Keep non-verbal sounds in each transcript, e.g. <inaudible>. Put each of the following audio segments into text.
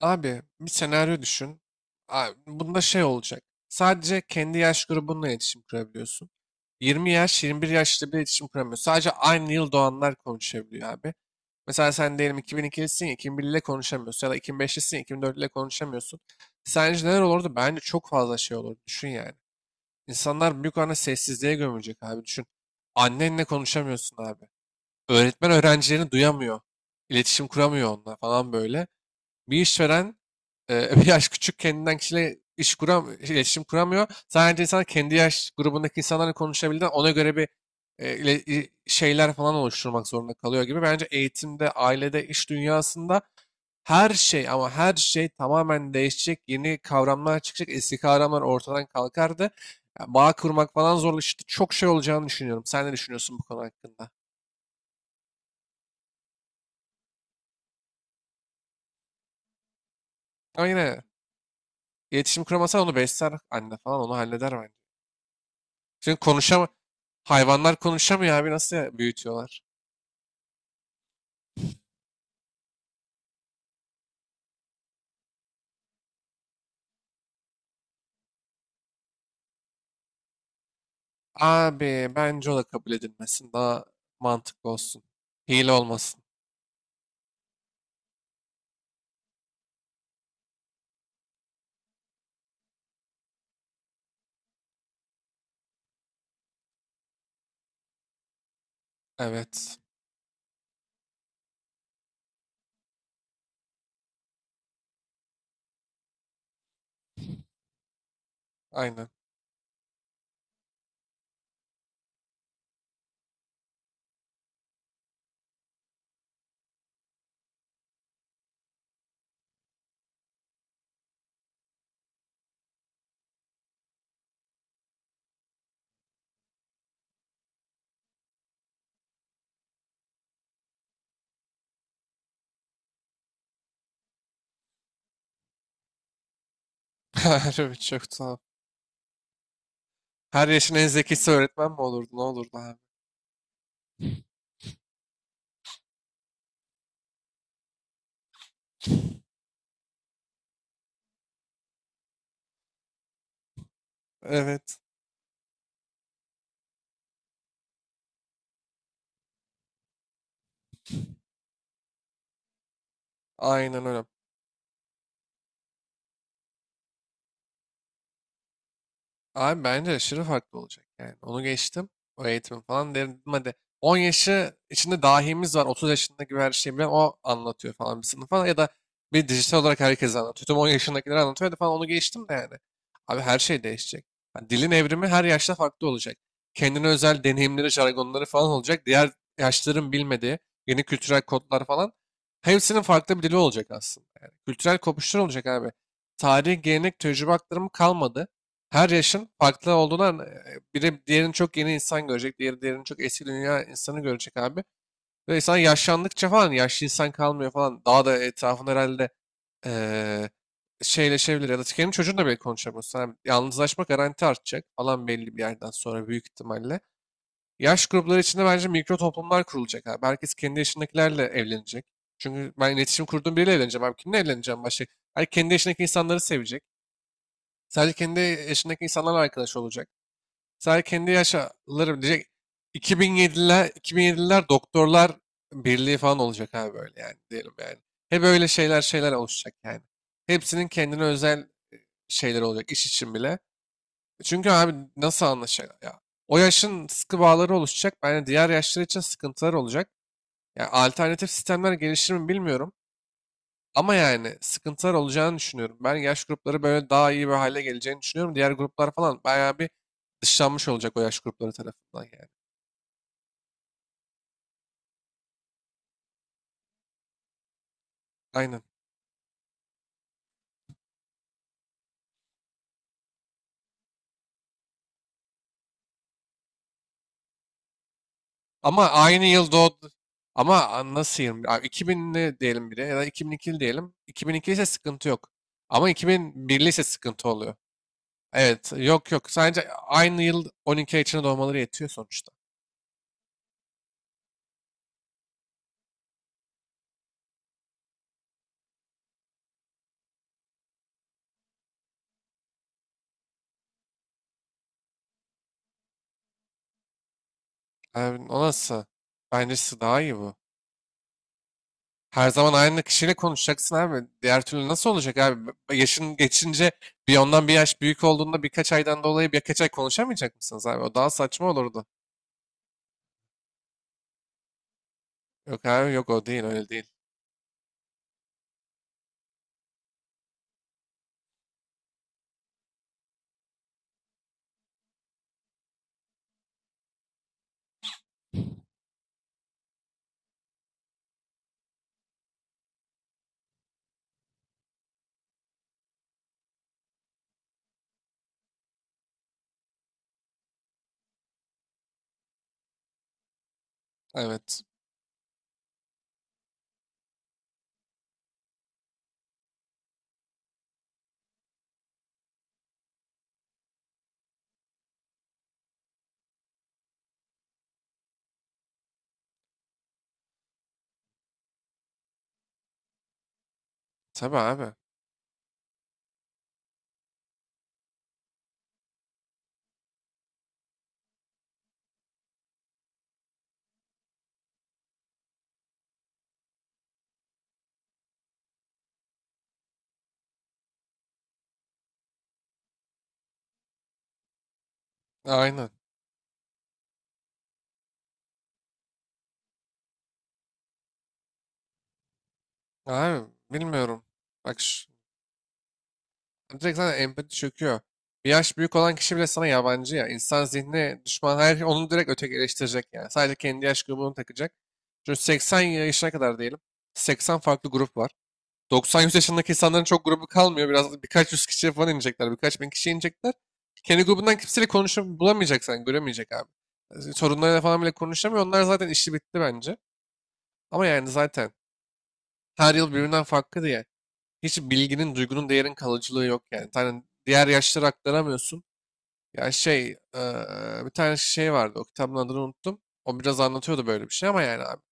Abi, bir senaryo düşün. Abi, bunda şey olacak. Sadece kendi yaş grubunla iletişim kurabiliyorsun. 20 yaş, 21 yaşlı bir iletişim kuramıyor. Sadece aynı yıl doğanlar konuşabiliyor abi. Mesela sen diyelim 2002'lisin ya 2001 ile konuşamıyorsun, ya da 2005'lisin ya 2004 ile konuşamıyorsun. Sence neler olurdu? Bence çok fazla şey olurdu. Düşün yani. İnsanlar büyük oranda sessizliğe gömülecek abi. Düşün. Annenle konuşamıyorsun abi. Öğretmen öğrencilerini duyamıyor. İletişim kuramıyor onunla falan böyle. Bir işveren <laughs> bir yaş küçük kendinden kişiyle iletişim kuramıyor. Sadece insan kendi yaş grubundaki insanlarla konuşabildiğinden ona göre bir şeyler falan oluşturmak zorunda kalıyor gibi. Bence eğitimde, ailede, iş dünyasında her şey, ama her şey tamamen değişecek. Yeni kavramlar çıkacak. Eski kavramlar ortadan kalkardı. Yani bağ kurmak falan zorlaştı. Çok şey olacağını düşünüyorum. Sen ne düşünüyorsun bu konu hakkında? Ama yine iletişim kuramasa onu besler anne falan, onu halleder bence. Çünkü hayvanlar konuşamıyor abi, nasıl büyütüyorlar? Abi bence o da kabul edilmesin. Daha mantıklı olsun. Hile olmasın. Evet. Aynen. <laughs> Harbi çok tuhaf. Her yaşın en zekisi öğretmen mi olurdu? Ne olurdu abi? Evet. Aynen öyle. Abi bence aşırı farklı olacak yani. Onu geçtim. O eğitim falan derim hadi. 10 yaşı içinde dahimiz var. 30 yaşında gibi her şeyi bilen o anlatıyor falan bir sınıfa, ya da bir dijital olarak herkes anlatıyor. Tüm 10 yaşındakiler anlatıyor hadi falan, onu geçtim de yani. Abi her şey değişecek. Yani dilin evrimi her yaşta farklı olacak. Kendine özel deneyimleri, jargonları falan olacak. Diğer yaşların bilmediği yeni kültürel kodlar falan. Hepsinin farklı bir dili olacak aslında. Yani kültürel kopuşlar olacak abi. Tarih, gelenek, tecrübe aktarımı kalmadı, her yaşın farklı olduğundan biri diğerini çok yeni insan görecek, diğeri diğerini çok eski dünya insanı görecek abi. Ve insan yaşlandıkça falan yaşlı insan kalmıyor falan. Daha da etrafında herhalde eee şeyleşebilir, ya da kendi çocuğunla bile konuşamıyorsun abi. Yalnızlaşma garanti artacak falan belli bir yerden sonra, büyük ihtimalle. Yaş grupları içinde bence mikro toplumlar kurulacak abi. Herkes kendi yaşındakilerle evlenecek. Çünkü ben iletişim kurduğum biriyle evleneceğim abi. Kimle evleneceğim başka? Her kendi yaşındaki insanları sevecek. Sadece kendi yaşındaki insanlarla arkadaş olacak. Sadece kendi yaşlarım diyecek. 2007'ler, 2007'ler doktorlar birliği falan olacak abi, böyle yani, diyelim yani. Hep öyle şeyler oluşacak yani. Hepsinin kendine özel şeyleri olacak, iş için bile. Çünkü abi nasıl anlaşacak ya? O yaşın sıkı bağları oluşacak. Yani diğer yaşlar için sıkıntılar olacak. Yani alternatif sistemler gelişir mi bilmiyorum. Ama yani sıkıntılar olacağını düşünüyorum. Ben yaş grupları böyle daha iyi bir hale geleceğini düşünüyorum. Diğer gruplar falan bayağı bir dışlanmış olacak o yaş grupları tarafından yani. Aynen. Ama aynı yıl doğdu. Ama nasıl 20 abi, iki binli diyelim bir de, ya da 2002'li diyelim. 2002 ise sıkıntı yok. Ama 2001'li ise sıkıntı oluyor. Evet, yok yok. Sadece aynı yıl, 12 ay içinde doğmaları yetiyor sonuçta. Abi, o nasıl? Bence size daha iyi bu. Her zaman aynı kişiyle konuşacaksın abi. Diğer türlü nasıl olacak abi? Yaşın geçince, bir ondan bir yaş büyük olduğunda, birkaç aydan dolayı birkaç ay konuşamayacak mısınız abi? O daha saçma olurdu. Yok abi, yok, o değil, öyle değil. Evet. Tabii abi. Aynen. Abi bilmiyorum. Bak şu, direkt zaten empati çöküyor. Bir yaş büyük olan kişi bile sana yabancı ya. İnsan zihni düşman, her şey onu direkt ötekileştirecek yani. Sadece kendi yaş grubunu takacak. Çünkü 80 yaşına kadar diyelim. 80 farklı grup var. 90-100 yaşındaki insanların çok grubu kalmıyor. Biraz birkaç yüz kişiye falan inecekler. Birkaç bin kişiye inecekler. Kendi grubundan kimseyle konuşup bulamayacak sen. Göremeyecek abi. Sorunlarıyla falan bile konuşamıyor. Onlar zaten işi bitti bence. Ama yani zaten her yıl birbirinden farklı. Hiç bilginin, duygunun, değerin kalıcılığı yok yani. Tane diğer yaşlara aktaramıyorsun. Ya şey, bir tane şey vardı. O kitabın adını unuttum. O biraz anlatıyordu böyle bir şey, ama yani abi.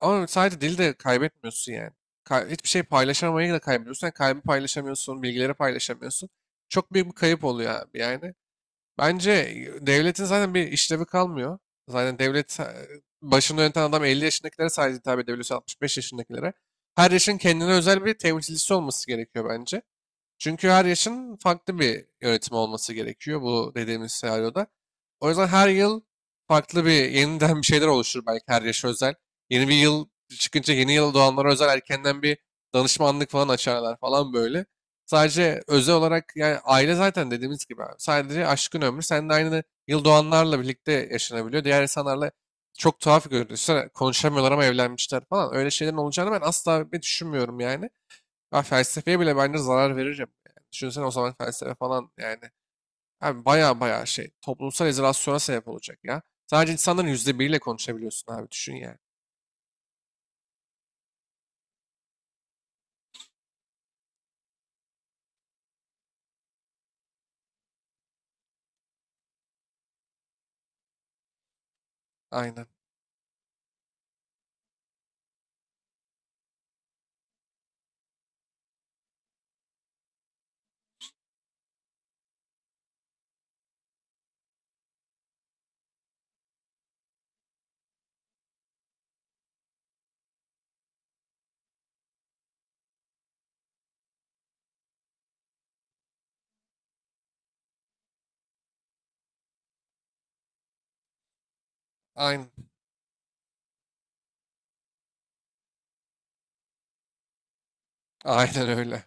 Ama sadece dili de kaybetmiyorsun yani. Hiçbir şey paylaşamayı da kaybediyorsun. Yani kalbi paylaşamıyorsun, bilgileri paylaşamıyorsun. Çok büyük bir kayıp oluyor abi yani. Bence devletin zaten bir işlevi kalmıyor. Zaten devlet, başını yöneten adam 50 yaşındakilere sadece hitap edebiliyorsa, 65 yaşındakilere. Her yaşın kendine özel bir temsilcisi olması gerekiyor bence. Çünkü her yaşın farklı bir yönetim olması gerekiyor bu dediğimiz senaryoda. O yüzden her yıl farklı bir yeniden bir şeyler oluşur belki, her yaşa özel. Yeni bir yıl çıkınca yeni yıl doğanlara özel erkenden bir danışmanlık falan açarlar falan böyle. Sadece özel olarak yani, aile zaten dediğimiz gibi abi. Sadece aşkın ömrü sen de aynı yıl doğanlarla birlikte yaşanabiliyor. Diğer insanlarla çok tuhaf görünüyor, konuşamıyorlar ama evlenmişler falan. Öyle şeylerin olacağını ben asla bir düşünmüyorum yani. Ha, felsefeye bile bence zarar veririm. Yani düşünsene o zaman felsefe falan yani. Abi baya baya şey, toplumsal izolasyona sebep olacak ya. Sadece insanların yüzde biriyle konuşabiliyorsun abi, düşün yani. Aynen. Aynen. <laughs> Aynen öyle.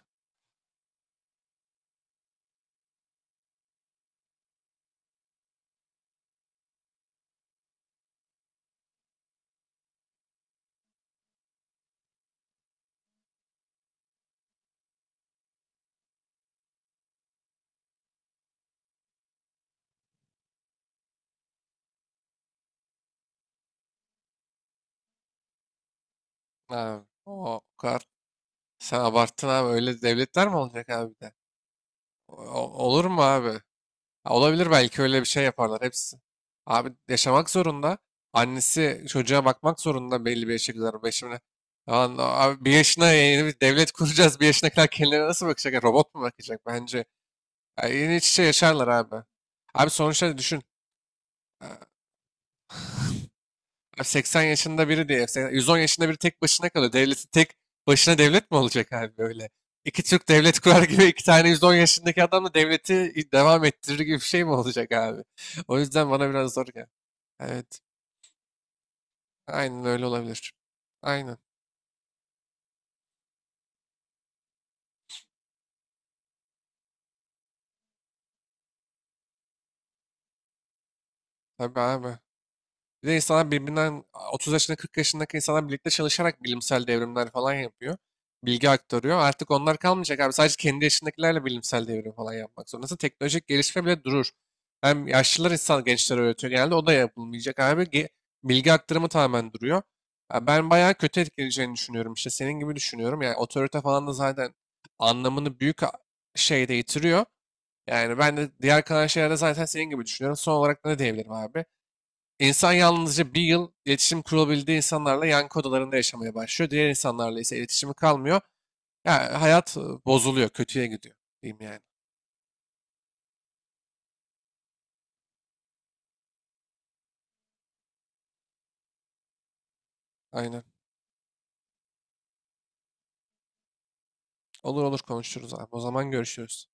Abi, o kadar. Sen abarttın abi, öyle devletler mi olacak abi bir de? Olur mu abi? Ha, olabilir, belki öyle bir şey yaparlar hepsi. Abi yaşamak zorunda. Annesi çocuğa bakmak zorunda belli bir yaşa kadar. Lan abi, bir yaşına yeni bir devlet kuracağız. Bir yaşına kadar kendilerine nasıl bakacak? Yani robot mu bakacak bence? Ya yeni iç içe yaşarlar abi. Abi sonuçta düşün. e, Abi 80 yaşında biri diye. 110 yaşında biri tek başına kalıyor. Devletin tek başına devlet mi olacak abi böyle? İki Türk devlet kurar gibi, iki tane 110 yaşındaki adamla devleti devam ettirir gibi bir şey mi olacak abi? O yüzden bana biraz zor geldi. Evet. Aynen öyle olabilir. Aynen. Tabii abi. Bir de insanlar birbirinden, 30 yaşında 40 yaşındaki insanlar birlikte çalışarak bilimsel devrimler falan yapıyor. Bilgi aktarıyor. Artık onlar kalmayacak abi. Sadece kendi yaşındakilerle bilimsel devrim falan yapmak zorundasın. Teknolojik gelişme bile durur. Hem yaşlılar insan gençlere öğretiyor genelde. O da yapılmayacak abi. Bilgi aktarımı tamamen duruyor. Ya ben bayağı kötü etkileyeceğini düşünüyorum. İşte senin gibi düşünüyorum. Yani otorite falan da zaten anlamını büyük şeyde yitiriyor. Yani ben de diğer kalan şeylerde zaten senin gibi düşünüyorum. Son olarak ne diyebilirim abi? İnsan yalnızca bir yıl iletişim kurabildiği insanlarla yankı odalarında yaşamaya başlıyor. Diğer insanlarla ise iletişimi kalmıyor. Ya hayat bozuluyor, kötüye gidiyor diyeyim yani. Aynen. Olur olur, konuşuruz abi. O zaman görüşürüz.